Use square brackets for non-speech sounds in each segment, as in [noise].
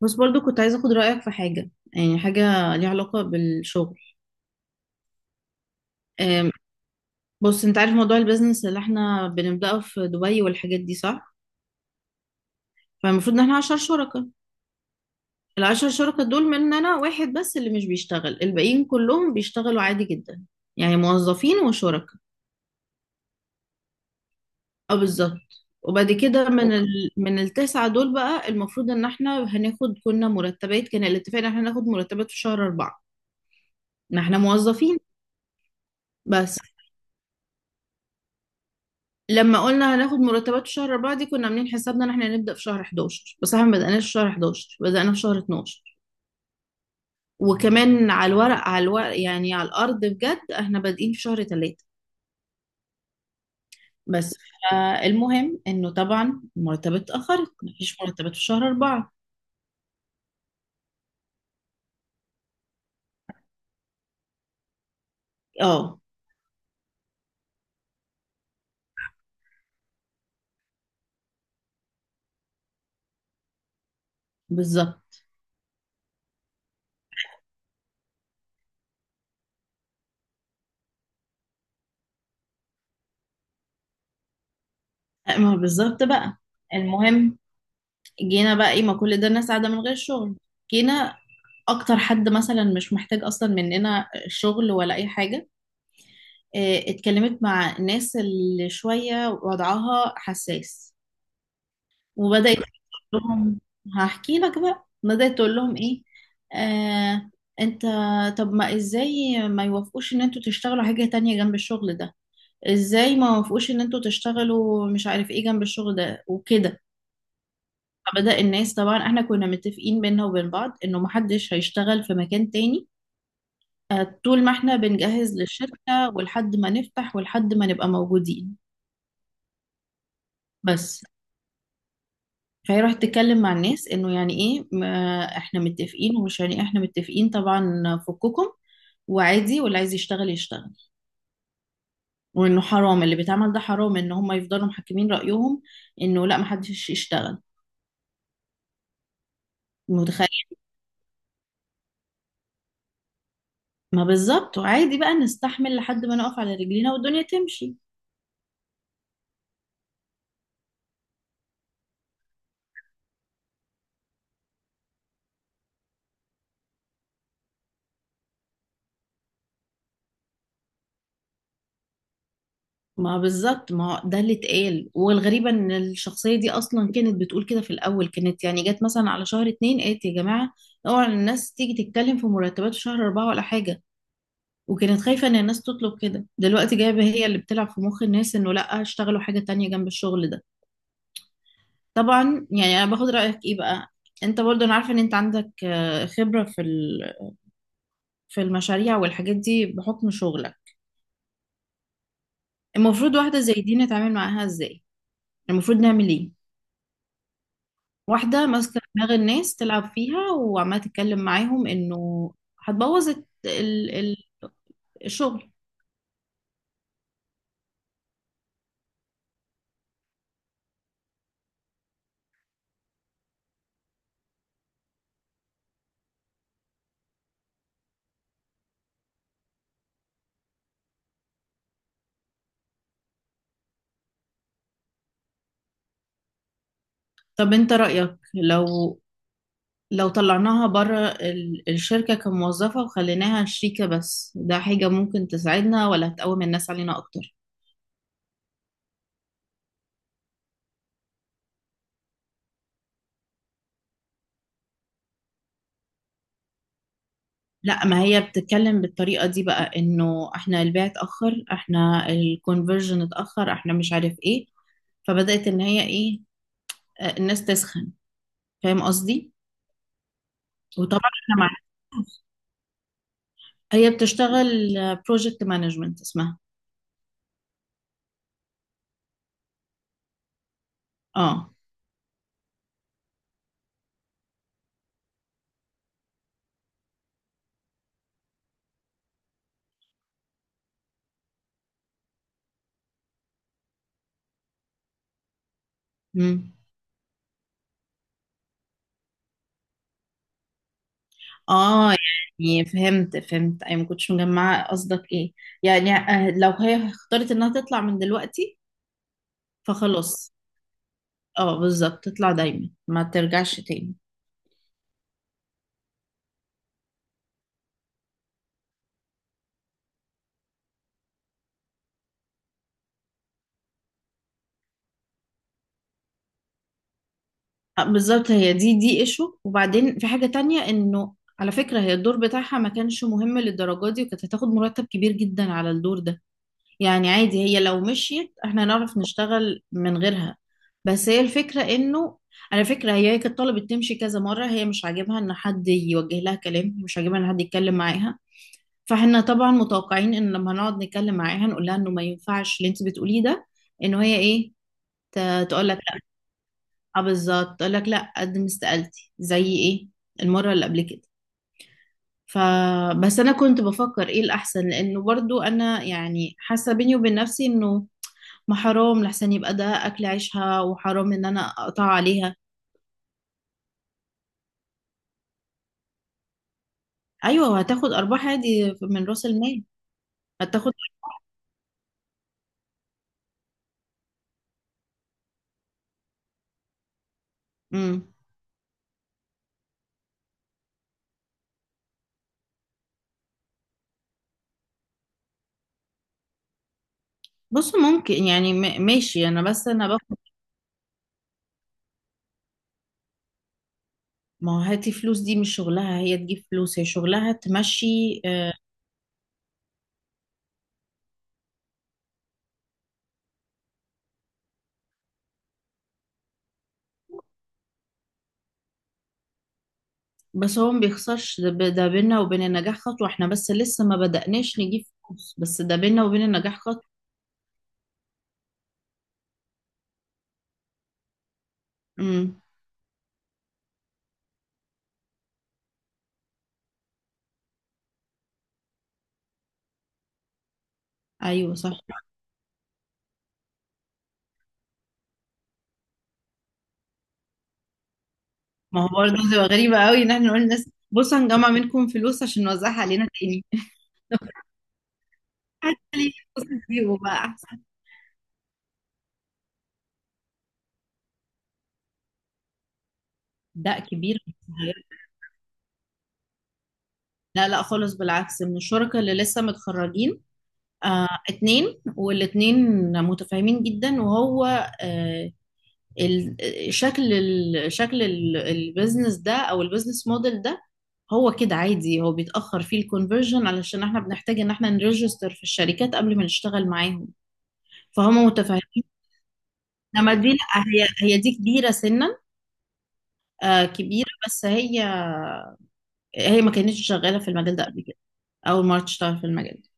بس برضو كنت عايزة أخد رأيك في حاجة، يعني حاجة ليها علاقة بالشغل. أم، بص، أنت عارف موضوع البيزنس اللي احنا بنبدأه في دبي والحاجات دي، صح؟ فالمفروض إن احنا عشر شركاء. العشر شركاء دول مننا واحد بس اللي مش بيشتغل، الباقيين كلهم بيشتغلوا عادي جدا، يعني موظفين وشركاء. اه، بالظبط. وبعد كده من التسعة دول بقى المفروض إن احنا كنا مرتبات، كان الاتفاق إن احنا ناخد مرتبات في شهر أربعة، ما احنا موظفين. بس، لما قلنا هناخد مرتبات شهر أربعة دي، كنا عاملين حسابنا إن إحنا هنبدأ في شهر 11، بس إحنا ما بدأناش في شهر 11، بدأنا في شهر 12. وكمان على الورق يعني على الأرض بجد، إحنا بادئين في شهر 3. بس. المهم إنه طبعا المرتبات اتأخرت، مفيش مرتبات في شهر 4. أه، بالظبط. ما هو بالظبط بقى. المهم، جينا بقى إيه، ما كل ده الناس قاعدة من غير شغل. جينا أكتر حد مثلا مش محتاج أصلا مننا شغل ولا أي حاجة. اتكلمت مع الناس اللي شوية وضعها حساس، وبدأت تقول لهم. هحكي لك بقى، بدأت تقول لهم ايه. آه انت، طب ما ازاي ما يوافقوش ان انتوا تشتغلوا حاجة تانية جنب الشغل ده؟ ازاي ما يوافقوش ان انتوا تشتغلوا مش عارف ايه جنب الشغل ده وكده؟ فبدأ الناس، طبعا احنا كنا متفقين بينا وبين بعض انه محدش هيشتغل في مكان تاني، طول ما احنا بنجهز للشركة، ولحد ما نفتح، ولحد ما نبقى موجودين. بس، فهي راحت تتكلم مع الناس انه يعني ايه، ما احنا متفقين، ومش يعني إيه، احنا متفقين طبعا فككم، وعادي واللي عايز يشتغل يشتغل. وانه حرام اللي بيتعمل ده، حرام ان هم يفضلوا محكمين رأيهم انه لا، محدش يشتغل. متخيل؟ ما بالظبط، وعادي بقى نستحمل لحد ما نقف على رجلينا والدنيا تمشي. ما بالظبط، ما ده اللي اتقال، والغريبة ان الشخصية دي اصلا كانت بتقول كده في الاول. كانت يعني جت مثلا على شهر اتنين، قالت: يا جماعة، اوعى الناس تيجي تتكلم في مرتبات في شهر اربعة ولا حاجة. وكانت خايفة ان الناس تطلب كده. دلوقتي جايبة هي اللي بتلعب في مخ الناس انه لا، اشتغلوا حاجة تانية جنب الشغل ده. طبعا يعني انا باخد رأيك ايه بقى. انت برضه، انا عارفة ان انت عندك، خبرة في في المشاريع والحاجات دي بحكم شغلك. المفروض واحدة زي دي نتعامل معاها ازاي؟ المفروض نعمل ايه؟ واحدة ماسكة دماغ الناس تلعب فيها، وعمالة تتكلم معاهم انه هتبوظ ال- الشغل. طب انت رأيك لو طلعناها بره الشركة كموظفة، وخليناها شريكة بس، ده حاجة ممكن تساعدنا ولا هتقوم الناس علينا أكتر؟ لا، ما هي بتتكلم بالطريقة دي بقى، إنه إحنا البيع اتأخر، إحنا الكونفرجن اتأخر، إحنا مش عارف إيه. فبدأت إن هي إيه، الناس تسخن. فاهم قصدي؟ وطبعا إحنا مع. هي بتشتغل بروجكت مانجمنت اسمها. اه. مم. اه يعني فهمت، اي ما كنتش مجمعه قصدك ايه. يعني لو هي اختارت انها تطلع من دلوقتي فخلاص. اه بالظبط، تطلع دايما، ما ترجعش تاني. بالظبط، هي دي ايشو. وبعدين في حاجه تانية، انه على فكره، هي الدور بتاعها ما كانش مهم للدرجه دي، وكانت هتاخد مرتب كبير جدا على الدور ده. يعني عادي، هي لو مشيت احنا نعرف نشتغل من غيرها. بس هي الفكرة انه، على فكرة، هي كانت طلبت تمشي كذا مرة، هي مش عاجبها ان حد يوجه لها كلام، مش عاجبها ان حد يتكلم معاها. فاحنا طبعا متوقعين ان لما نقعد نتكلم معاها نقول لها انه ما ينفعش اللي انت بتقوليه ده، انه هي ايه، تقول لك لا. اه بالظبط، تقول لك لا، قد ما استقالتي زي ايه المرة اللي قبل كده. فبس انا كنت بفكر ايه الاحسن، لانه برضو انا يعني حاسة بيني وبين نفسي انه، ما حرام، لحسن يبقى ده اكل عيشها، وحرام ان انا اقطع عليها. ايوه، وهتاخد ارباح عادي من راس المال، هتاخد. امم بص، ممكن يعني ماشي انا، بس انا باخد. ما هو هاتي فلوس دي مش شغلها، هي تجيب فلوس، هي شغلها تمشي. آه، بس هو ما بيخسرش، ده ده بينا وبين النجاح خطوه، احنا بس لسه ما بدأناش نجيب فلوس، بس ده بينا وبين النجاح خطوه. امم. ايوه صح. ما هو برضه تبقى غريبه قوي ان احنا نقول للناس بصوا هنجمع منكم فلوس عشان نوزعها علينا تاني. حتى ليه، تسيبه بقى احسن. ده كبير من الصغير. لا لا خالص، بالعكس، من الشركاء اللي لسه متخرجين. آه، اتنين والاتنين متفاهمين جدا، وهو آه ال- البيزنس ده او البيزنس موديل ده، هو كده عادي، هو بيتأخر فيه الكونفرجن علشان احنا بنحتاج ان احنا نريجستر في الشركات قبل ما نشتغل معاهم. فهم متفاهمين. انما دي لا، هي دي كبيرة سنا. آه، كبيرة، بس هي ما كانتش شغالة في المجال ده قبل كده. أول مرة تشتغل في المجال ده.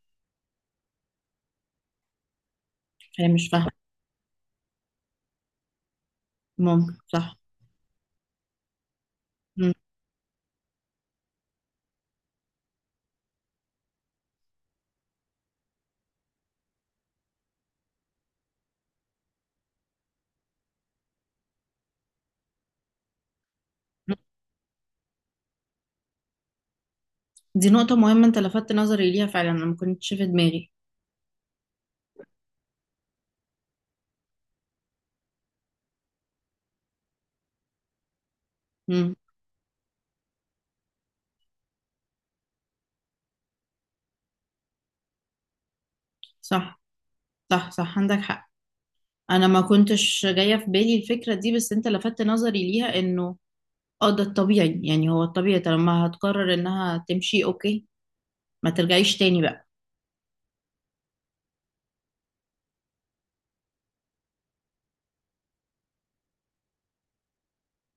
فهي مش فاهمة. ممكن، صح. مم. دي نقطة مهمة، أنت لفتت نظري ليها فعلا، أنا ما كنتش في دماغي. مم. صح، صح، صح، عندك حق. أنا ما كنتش جاية في بالي الفكرة دي، بس أنت لفتت نظري ليها، إنه ده الطبيعي، يعني هو الطبيعي طالما هتقرر إنها تمشي، أوكي، ما ترجعيش تاني بقى.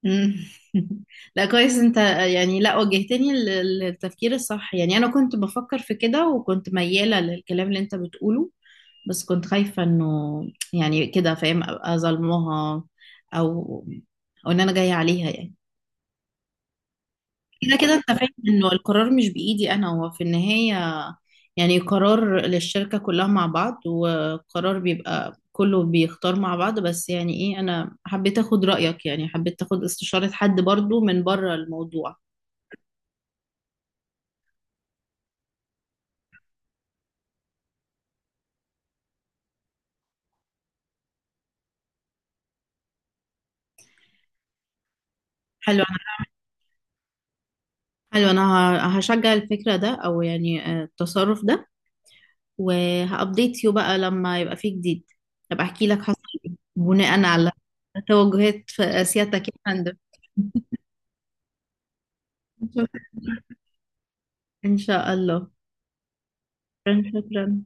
مم. [laughs] لا، كويس انت، يعني لا وجهتني للتفكير الصح. يعني انا كنت بفكر في كده، وكنت ميالة للكلام اللي انت بتقوله، بس كنت خايفة انه يعني كده، فاهم، ابقى ظلمها، او او ان انا جاية عليها يعني. كده كده انت فاهم انه القرار مش بايدي انا، هو في النهاية يعني قرار للشركة كلها مع بعض، وقرار بيبقى كله بيختار مع بعض، بس يعني ايه، انا حبيت اخد رأيك، يعني حبيت اخد استشارة حد برضو من بره الموضوع. حلو انا حلو انا هشجع الفكرة ده، او يعني التصرف ده. وهابديت يو بقى لما يبقى فيه جديد، ابقى احكي لك حصل ايه بناء على توجهات في سيادتك، يا فندم. [laughs] ان شاء الله. شكرا.